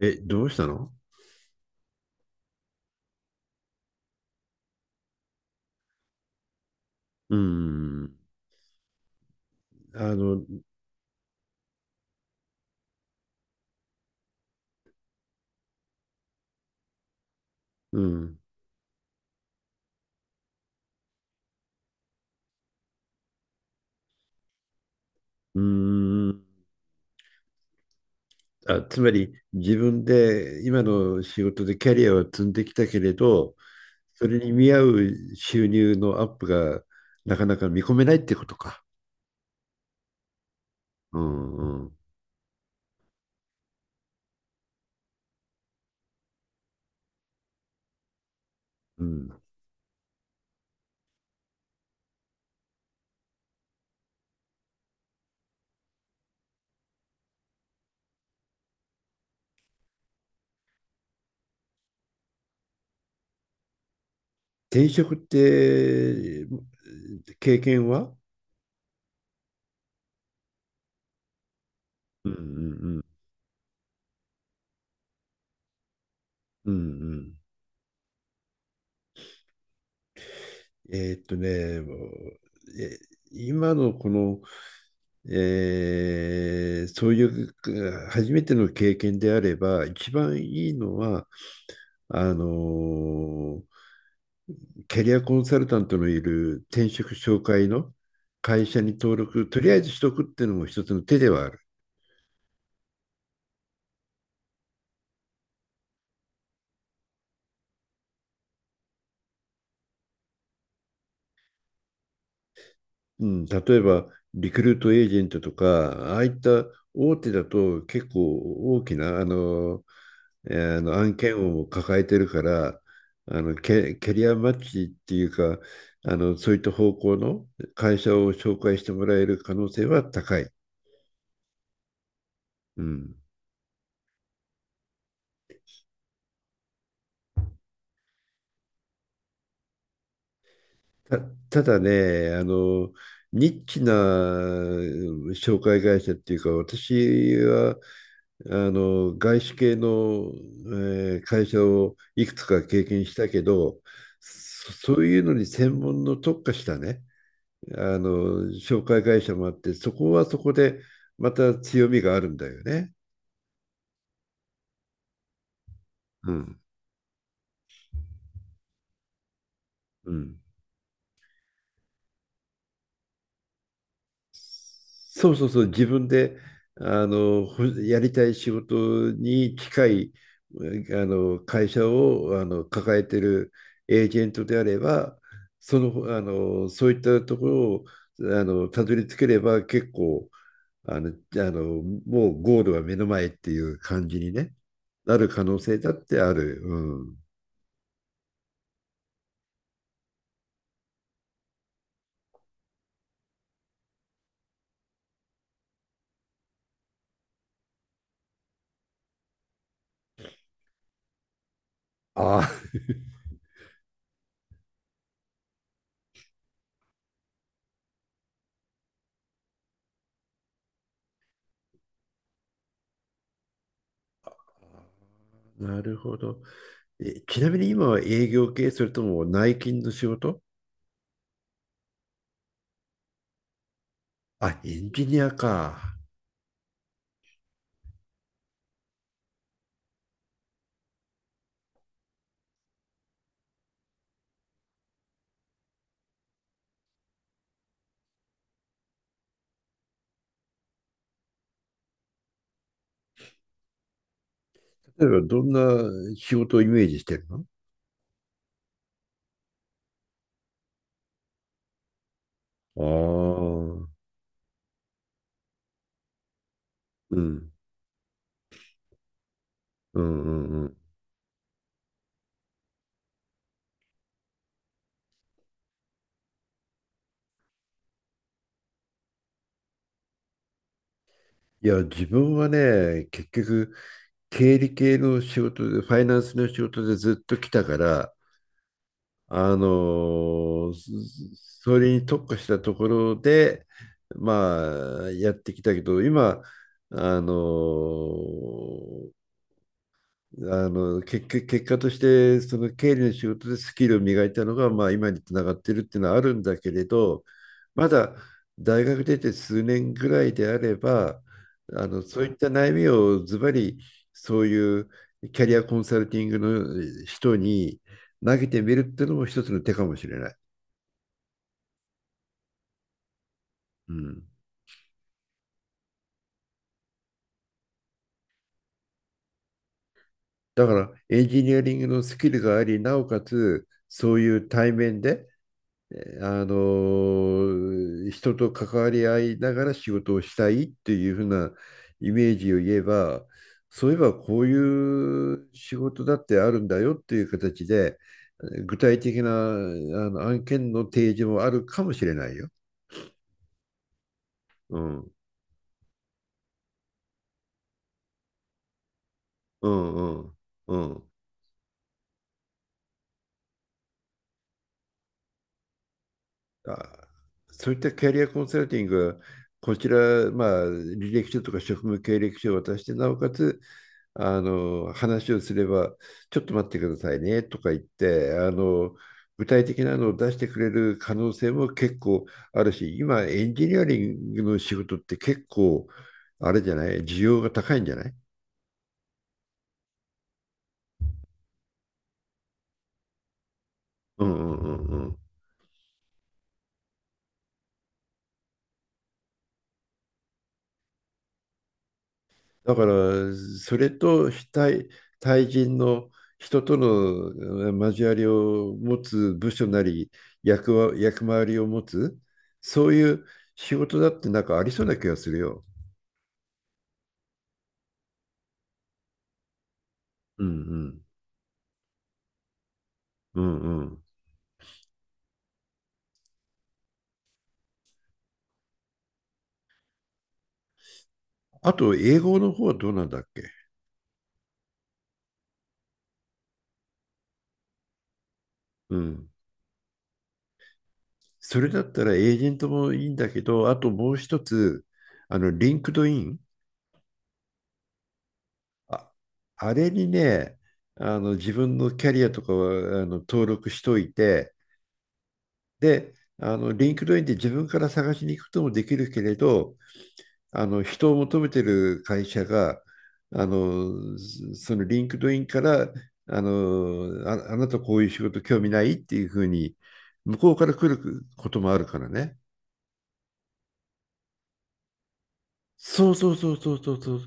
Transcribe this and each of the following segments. え、どうしたの？うーん。あの、うん。うーん。あ、つまり自分で今の仕事でキャリアを積んできたけれど、それに見合う収入のアップがなかなか見込めないってことか。うんうん。うん。転職って、経験は？うんうんうん。うんうん。もうえ今のこのそういう初めての経験であれば、一番いいのは、あのーキャリアコンサルタントのいる転職紹介の会社に登録、とりあえずしとくっていうのも一つの手ではある。うん、例えば、リクルートエージェントとか、ああいった大手だと結構大きな、あの案件を抱えてるから、キャリアマッチっていうか、そういった方向の会社を紹介してもらえる可能性は高い。うん。た、ただね、ニッチな紹介会社っていうか、私はあの外資系の、会社をいくつか経験したけど、そういうのに専門の特化したね、あの紹介会社もあって、そこはそこでまた強みがあるんだよね。うん、うん、そうそうそう、自分であのほやりたい仕事に近いあの会社を抱えてるエージェントであれば、その、そういったところをたどり着ければ結構あのあのもうゴールは目の前っていう感じにね、なる可能性だってある。うん、ああ、なるほど。ちなみに今は営業系、それとも内勤の仕事？あ、エンジニアか。例えば、どんな仕事をイメージしてるの？ああ、うん、うん、うん、うん。いや、自分はね、結局、経理系の仕事で、ファイナンスの仕事でずっと来たから、それに特化したところで、まあ、やってきたけど、今、あのー結局結果としてその経理の仕事でスキルを磨いたのが、まあ、今につながってるっていうのはあるんだけれど、まだ大学出て数年ぐらいであれば、そういった悩みをズバリそういうキャリアコンサルティングの人に投げてみるっていうのも一つの手かもしれない。うん、だからエンジニアリングのスキルがありなおかつそういう対面で人と関わり合いながら仕事をしたいっていうふうなイメージを言えば、そういえばこういう仕事だってあるんだよっていう形で具体的な案件の提示もあるかもしれないよ。うん、うんうんうん、あ、そういったキャリアコンサルティングはこちら、まあ、履歴書とか職務経歴書を渡して、なおかつあの話をすれば、ちょっと待ってくださいねとか言って、具体的なのを出してくれる可能性も結構あるし、今、エンジニアリングの仕事って結構、あれじゃない、需要が高いんじゃない？うんうんうんうん。だから、それと非対、対人の人との交わりを持つ部署なり、役回りを持つ、そういう仕事だってなんかありそうな気がするよ。うんうん。うんうん。あと、英語の方はどうなんだっけ？うん。それだったらエージェントもいいんだけど、あともう一つ、リンクドイン。あ、あれにね、自分のキャリアとかは、登録しといて、リンクドインで自分から探しに行くこともできるけれど、人を求めてる会社が、あのそのリンクドインからあなたこういう仕事興味ないっていうふうに、向こうから来ることもあるからね。そうそうそうそうそうそう。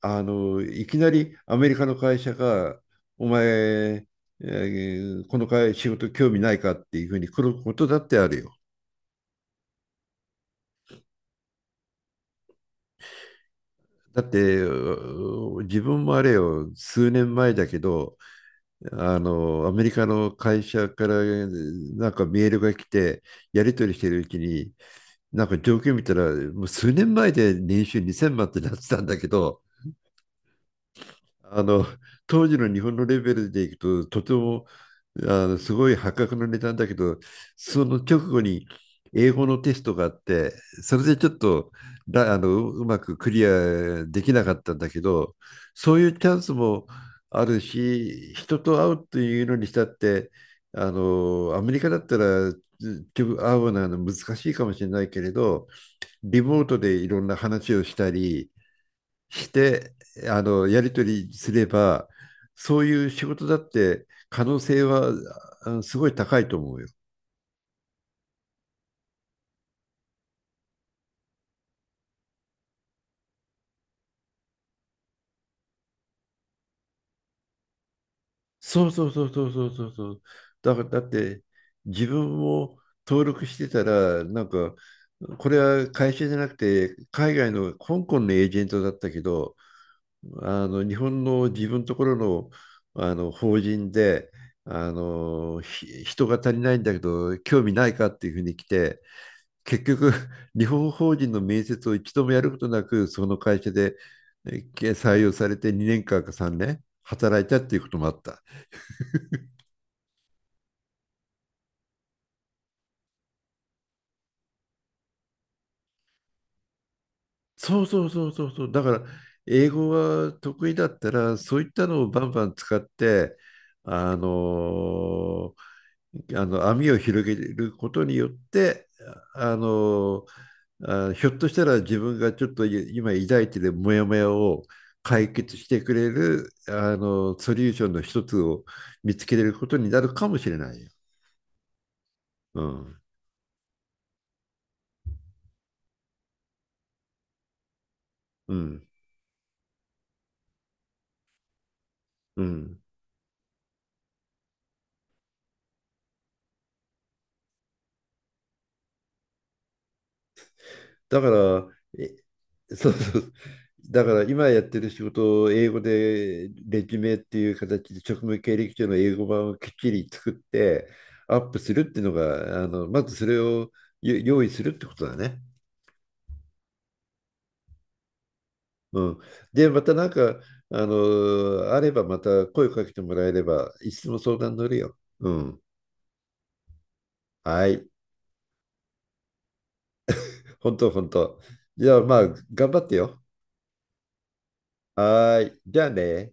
いきなりアメリカの会社が、お前、この会仕事興味ないかっていうふうに来ることだってあるよ。だって、自分もあれよ、数年前だけど、アメリカの会社からなんかメールが来て、やり取りしてるうちに、なんか状況見たら、もう数年前で年収2000万ってなってたんだけど、あの、当時の日本のレベルでいくと、とてもすごい破格の値段だけど、その直後に英語のテストがあって、それでちょっとだあのううまくクリアできなかったんだけど、そういうチャンスもあるし、人と会うというのにしたって、アメリカだったらず会うのは難しいかもしれないけれど、リモートでいろんな話をしたり、して、やり取りすれば、そういう仕事だって可能性はすごい高いと思うよ。そうそうそうそうそうそうそう。だから、だって、自分も登録してたら、なんか、これは会社じゃなくて、海外の香港のエージェントだったけど、日本の自分のところの、法人であのひ人が足りないんだけど興味ないかっていうふうに来て結局、日本法人の面接を一度もやることなく、その会社で採用されて2年間か3年働いたっていうこともあった。そうそうそうそうそう。だから、英語が得意だったら、そういったのをバンバン使って、あのーあの網を広げることによって、あのあ、ひょっとしたら自分がちょっと今抱いてるモヤモヤを解決してくれる、ソリューションの一つを見つけれることになるかもしれないよ。うん、うん、うん。だから、えそうそう。だから今やってる仕事を英語でレジュメっていう形で職務経歴書の英語版をきっちり作ってアップするっていうのが、まずそれを用意するってことだね。うん。で、またなんか、あればまた声かけてもらえれば、いつでも相談乗るよ。うん。はい。本当本当。じゃあまあ、頑張ってよ。はーい。じゃあね。